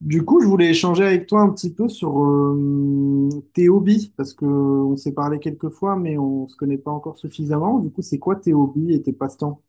Du coup, je voulais échanger avec toi un petit peu sur tes hobbies, parce que on s'est parlé quelques fois, mais on se connaît pas encore suffisamment. Du coup, c'est quoi tes hobbies et tes passe-temps?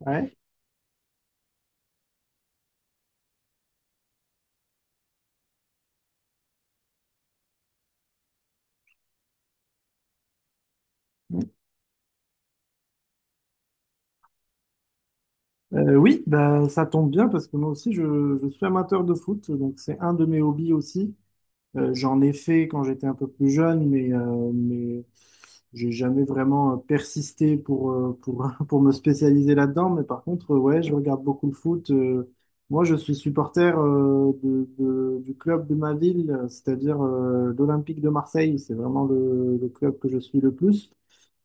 Ouais. Oui, bah, ça tombe bien parce que moi aussi, je suis amateur de foot, donc c'est un de mes hobbies aussi. J'en ai fait quand j'étais un peu plus jeune, mais j'ai jamais vraiment persisté pour, pour me spécialiser là-dedans. Mais par contre, ouais, je regarde beaucoup le foot. Moi, je suis supporter du club de ma ville, c'est-à-dire l'Olympique de Marseille. C'est vraiment le club que je suis le plus.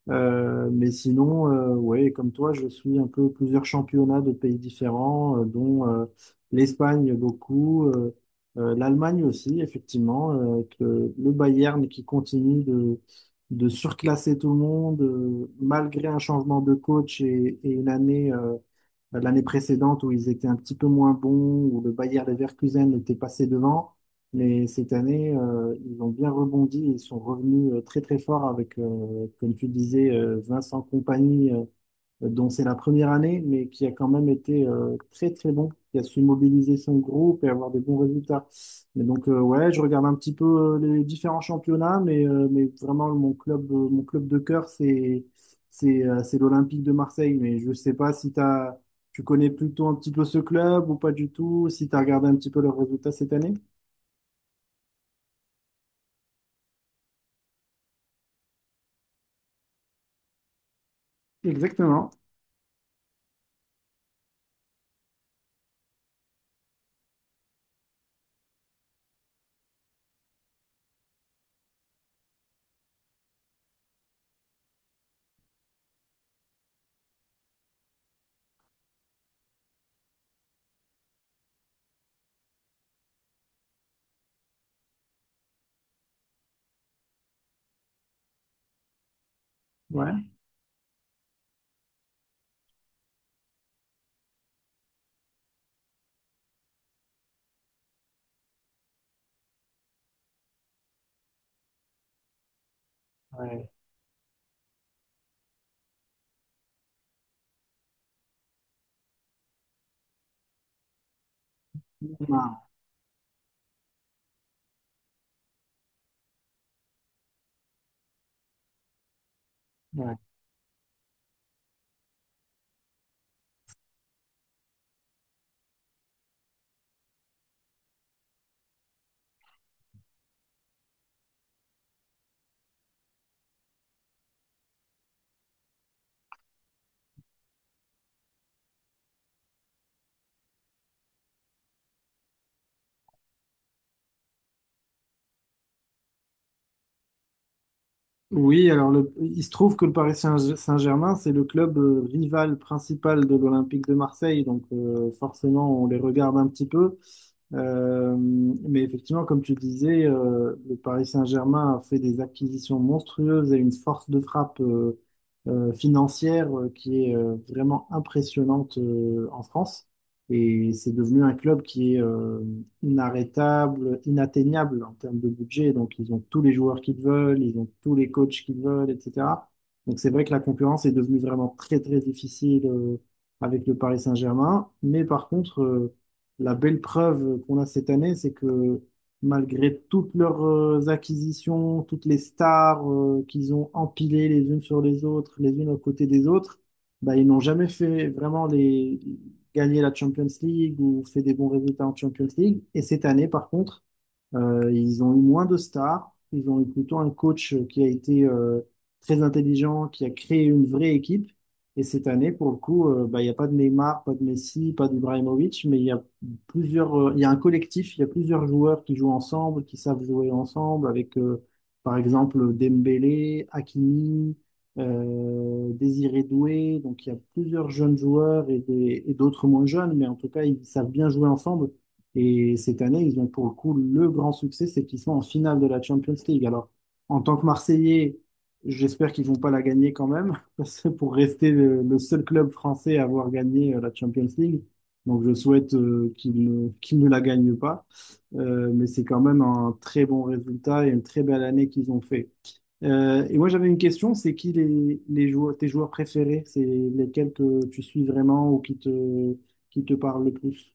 Mais sinon, ouais, comme toi, je suis un peu plusieurs championnats de pays différents, dont l'Espagne beaucoup, l'Allemagne aussi, effectivement, avec le Bayern qui continue de de surclasser tout le monde, malgré un changement de coach et une année, l'année précédente où ils étaient un petit peu moins bons, où le Bayer Leverkusen était passé devant. Mais cette année, ils ont bien rebondi, ils sont revenus très très forts avec, comme tu disais, Vincent Compagnie dont c'est la première année, mais qui a quand même été très très bon, qui a su mobiliser son groupe et avoir des bons résultats. Mais donc ouais, je regarde un petit peu les différents championnats, mais vraiment mon club de cœur, c'est c'est l'Olympique de Marseille. Mais je sais pas si tu connais plutôt un petit peu ce club ou pas du tout, si tu as regardé un petit peu leurs résultats cette année. Exactement. Ouais. Ouais. Ouais. Oui, alors le- il se trouve que le Paris Saint- Saint-Germain, c'est le club rival principal de l'Olympique de Marseille, donc forcément on les regarde un petit peu. Mais effectivement, comme tu disais, le Paris Saint-Germain a fait des acquisitions monstrueuses et une force de frappe financière qui est vraiment impressionnante en France. Et c'est devenu un club qui est inarrêtable, inatteignable en termes de budget. Donc, ils ont tous les joueurs qu'ils veulent, ils ont tous les coachs qu'ils veulent, etc. Donc, c'est vrai que la concurrence est devenue vraiment très, très difficile avec le Paris Saint-Germain. Mais par contre, la belle preuve qu'on a cette année, c'est que malgré toutes leurs acquisitions, toutes les stars qu'ils ont empilées les unes sur les autres, les unes à côté des autres, bah, ils n'ont jamais fait vraiment les gagner la Champions League ou fait des bons résultats en Champions League. Et cette année, par contre, ils ont eu moins de stars. Ils ont eu plutôt un coach qui a été très intelligent, qui a créé une vraie équipe. Et cette année, pour le coup, bah, il n'y a pas de Neymar, pas de Messi, pas d'Ibrahimovic, mais il y a il y a un collectif, il y a plusieurs joueurs qui jouent ensemble, qui savent jouer ensemble, avec par exemple Dembélé, Hakimi, Désiré Doué. Donc il y a plusieurs jeunes joueurs et des- et d'autres moins jeunes, mais en tout cas, ils savent bien jouer ensemble. Et cette année, ils ont pour le coup le grand succès, c'est qu'ils sont en finale de la Champions League. Alors, en tant que Marseillais, j'espère qu'ils vont pas la gagner quand même, parce que pour rester le seul club français à avoir gagné la Champions League. Donc, je souhaite qu'ils ne la gagnent pas. Mais c'est quand même un très bon résultat et une très belle année qu'ils ont fait. Et moi, j'avais une question, c'est qui les joueurs, tes joueurs préférés? C'est lesquels que tu suis vraiment ou qui qui te parlent le plus?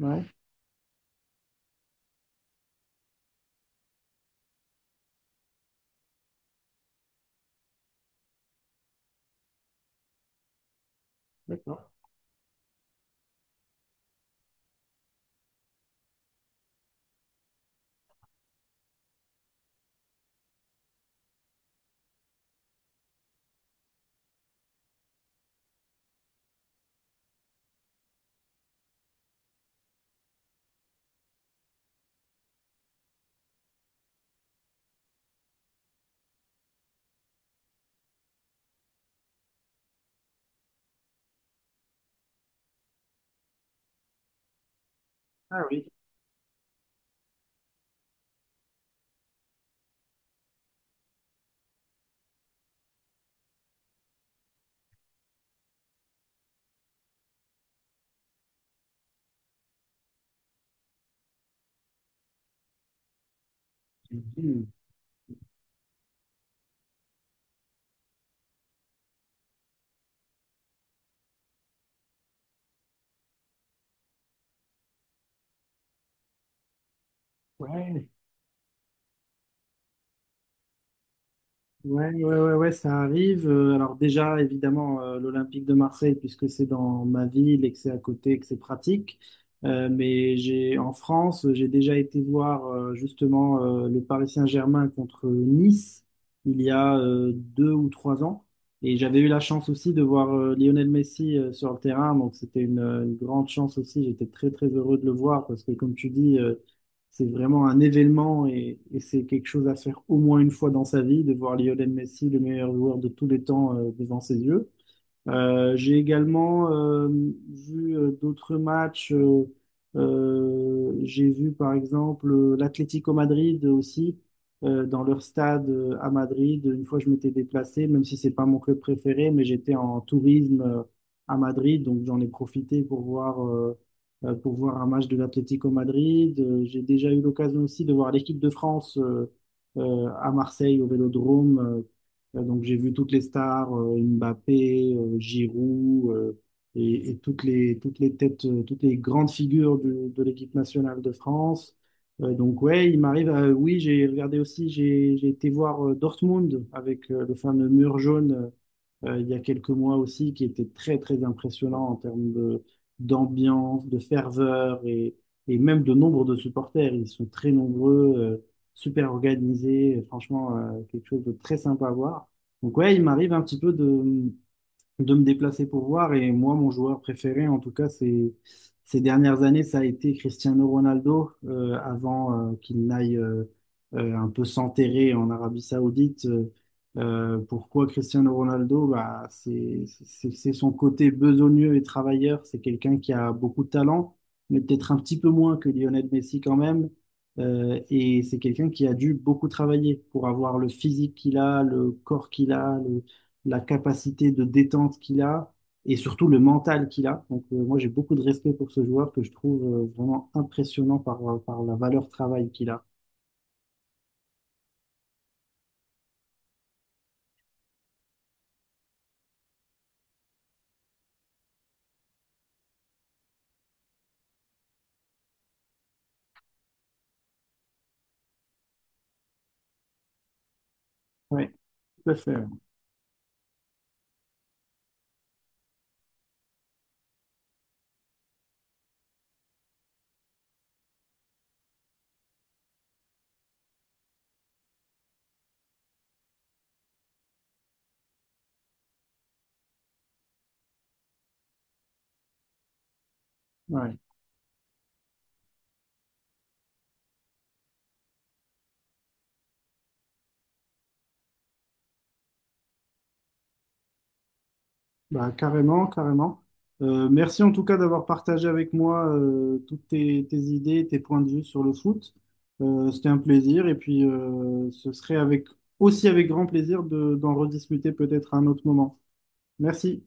Ouais, d'accord. Ah oui. J'ai dit, Ouais, ouais, ça arrive. Alors déjà, évidemment, l'Olympique de Marseille, puisque c'est dans ma ville et que c'est à côté et que c'est pratique. Mais j'ai en France, j'ai déjà été voir justement le Paris Saint-Germain contre Nice il y a deux ou trois ans. Et j'avais eu la chance aussi de voir Lionel Messi sur le terrain. Donc c'était une grande chance aussi. J'étais très très heureux de le voir parce que comme tu dis, c'est vraiment un événement et c'est quelque chose à faire au moins une fois dans sa vie, de voir Lionel Messi, le meilleur joueur de tous les temps, devant ses yeux. J'ai également vu d'autres matchs. J'ai vu par exemple l'Atlético Madrid aussi dans leur stade à Madrid. Une fois, je m'étais déplacé, même si c'est pas mon club préféré, mais j'étais en tourisme à Madrid, donc j'en ai profité pour voir un match de l'Atlético Madrid. J'ai déjà eu l'occasion aussi de voir l'équipe de France à Marseille au Vélodrome. Donc j'ai vu toutes les stars, Mbappé, Giroud, et toutes toutes les têtes, toutes les grandes figures du- de l'équipe nationale de France. Donc ouais, il m'arrive, à- oui, j'ai regardé aussi, j'ai été voir Dortmund avec le fameux mur jaune il y a quelques mois aussi, qui était très, très impressionnant en termes d'ambiance, de ferveur et même de nombre de supporters. Ils sont très nombreux, super organisés, et franchement, quelque chose de très sympa à voir. Donc ouais, il m'arrive un petit peu de me déplacer pour voir. Et moi, mon joueur préféré, en tout cas, ces dernières années, ça a été Cristiano Ronaldo, avant qu'il n'aille un peu s'enterrer en Arabie Saoudite. Pourquoi Cristiano Ronaldo? Bah, c'est son côté besogneux et travailleur. C'est quelqu'un qui a beaucoup de talent, mais peut-être un petit peu moins que Lionel Messi quand même. Et c'est quelqu'un qui a dû beaucoup travailler pour avoir le physique qu'il a, le corps qu'il a, la capacité de détente qu'il a et surtout le mental qu'il a. Donc, moi, j'ai beaucoup de respect pour ce joueur que je trouve vraiment impressionnant par la valeur travail qu'il a. Oui, tout à fait. Ouais. Bah, carrément, carrément. Merci en tout cas d'avoir partagé avec moi toutes tes idées, tes points de vue sur le foot. C'était un plaisir et puis ce serait avec, aussi avec grand plaisir d'en rediscuter peut-être à un autre moment. Merci.